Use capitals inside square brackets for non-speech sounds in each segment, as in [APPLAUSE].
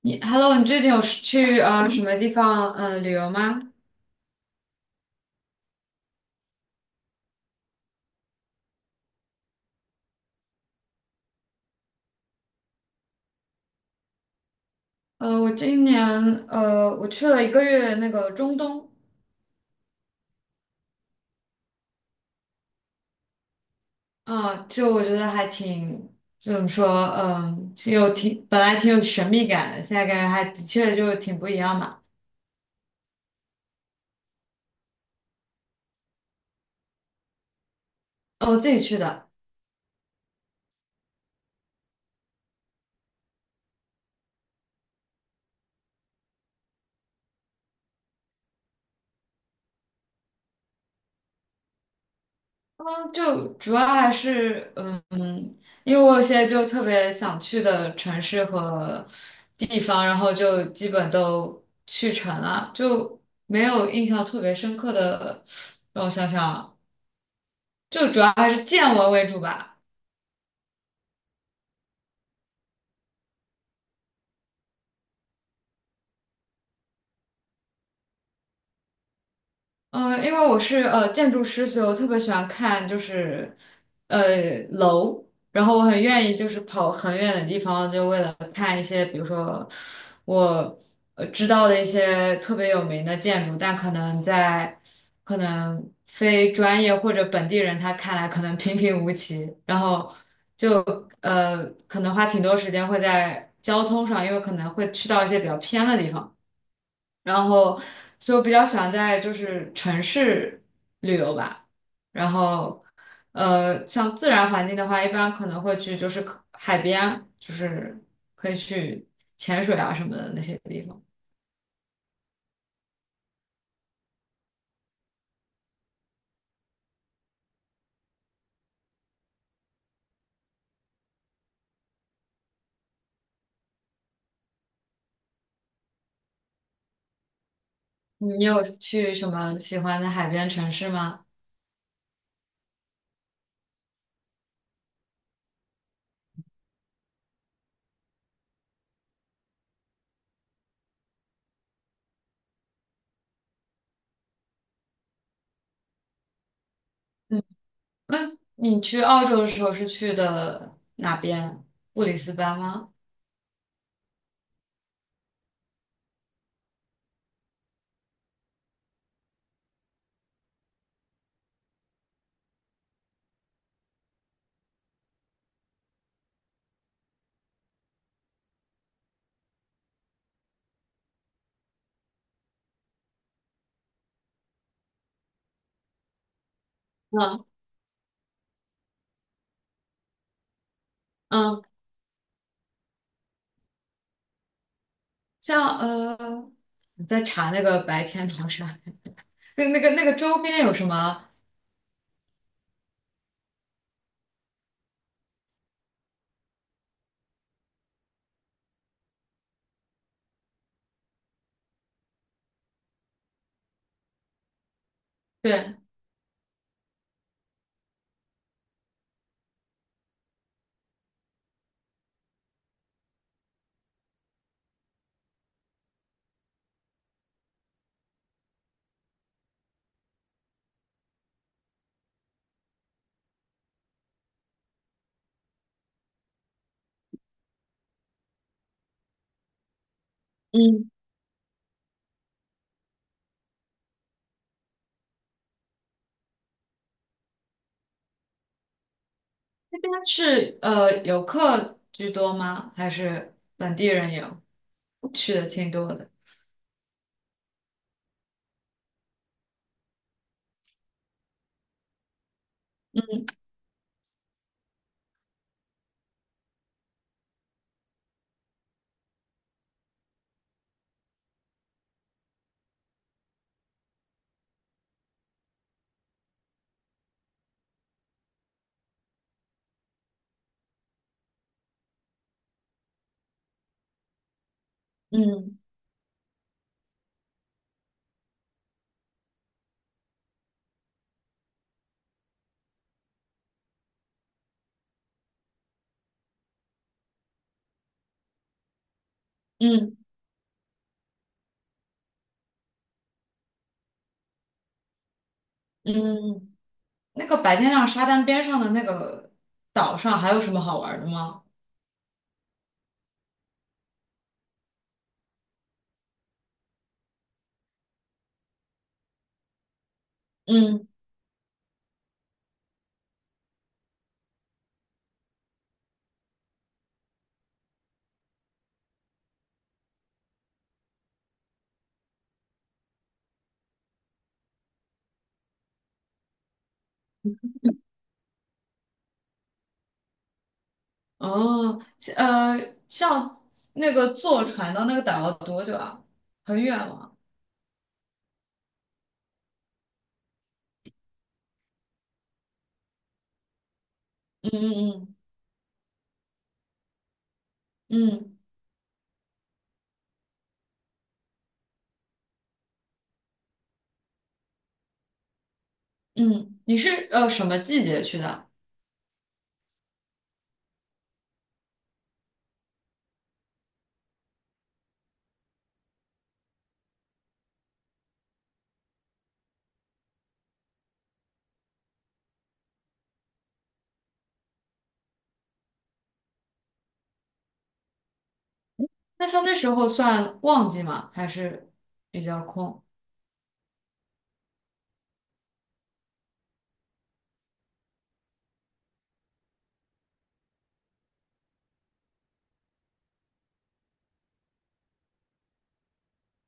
你 Hello，你最近有去什么地方旅游吗？我今年我去了一个月那个中东，啊、就我觉得还挺怎么说，就本来挺有神秘感的，现在感觉还的确就挺不一样嘛。哦，我自己去的。嗯，就主要还是因为我现在就特别想去的城市和地方，然后就基本都去成了，就没有印象特别深刻的。让我想想，就主要还是见闻为主吧。因为我是建筑师，所以我特别喜欢看就是楼，然后我很愿意就是跑很远的地方，就为了看一些，比如说我知道的一些特别有名的建筑，但可能非专业或者本地人他看来可能平平无奇，然后就可能花挺多时间会在交通上，因为可能会去到一些比较偏的地方。然后所以我比较喜欢在就是城市旅游吧。然后像自然环境的话，一般可能会去就是可海边，就是可以去潜水啊什么的那些地方。你有去什么喜欢的海边城市吗？嗯，那你去澳洲的时候是去的哪边？布里斯班吗？嗯嗯，像我在查那个白天堂山，那个周边有什么？对，嗯是游客居多吗？还是本地人也有？我去的挺多的。嗯嗯嗯，那个白天亮沙滩边上的那个岛上还有什么好玩的吗？嗯。哦，呃，像那个坐船到那个岛要多久啊？很远吗？嗯嗯嗯嗯嗯，你是什么季节去的？那像那时候算旺季吗？还是比较空？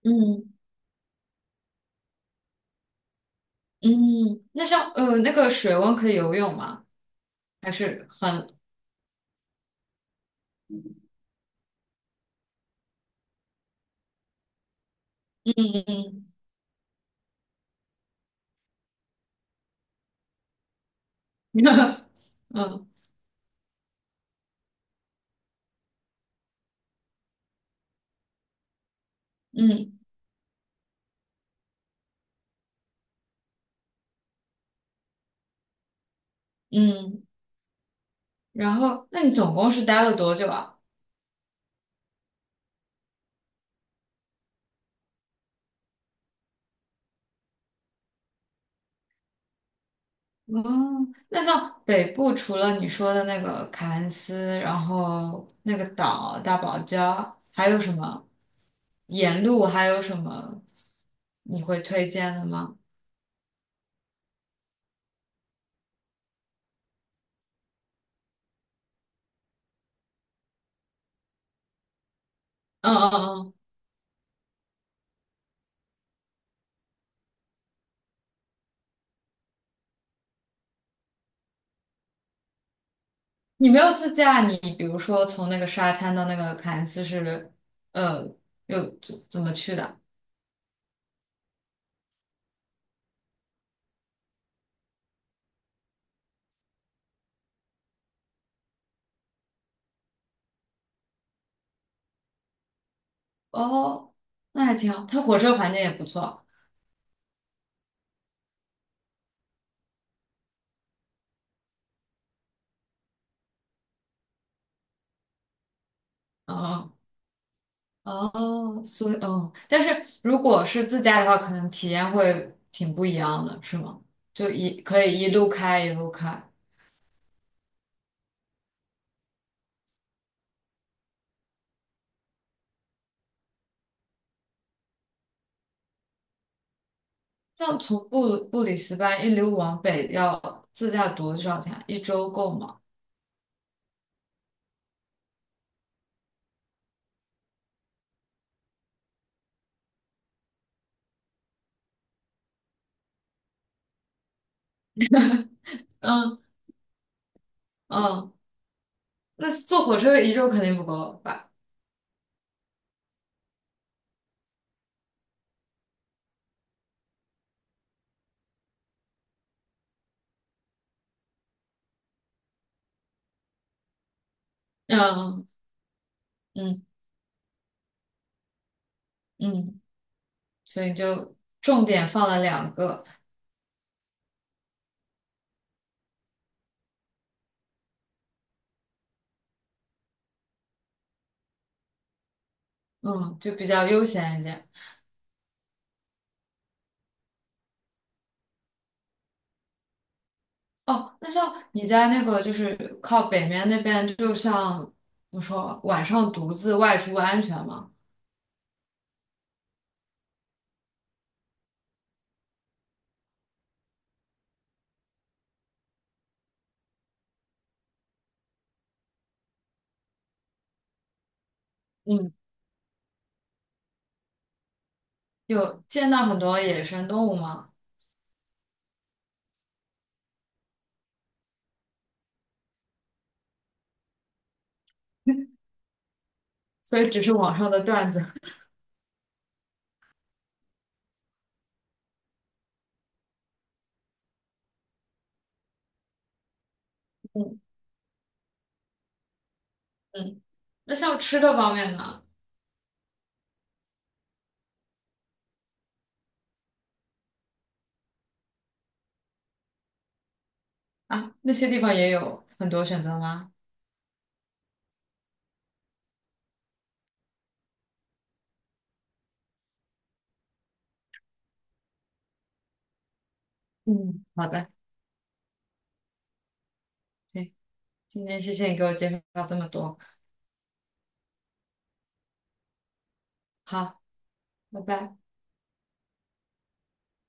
嗯嗯，那像那个水温可以游泳吗？还是很嗯嗯 [LAUGHS] 嗯嗯嗯。然后，那你总共是待了多久啊？哦，那像北部除了你说的那个凯恩斯，然后那个岛大堡礁，还有什么沿路还有什么你会推荐的吗？嗯嗯嗯。你没有自驾，你比如说从那个沙滩到那个凯恩斯是，呃，又怎么去的？哦，那还挺好，它火车环境也不错。嗯，哦，所以嗯，但是如果是自驾的话，可能体验会挺不一样的，是吗？可以一路开一路开，像从布里斯班一路往北要自驾多少钱？一周够吗？嗯嗯，那坐火车一周肯定不够吧？嗯嗯嗯。所以就重点放了两个，嗯，就比较悠闲一点。哦，那像你在那个就是靠北面那边，就像我说，晚上独自外出安全吗？嗯，有见到很多野生动物吗？[LAUGHS] 所以只是网上的段子。[LAUGHS] 嗯嗯，那像吃的方面呢？啊，那些地方也有很多选择吗？嗯，好的，行，今天谢谢你给我介绍这么多，好，拜拜。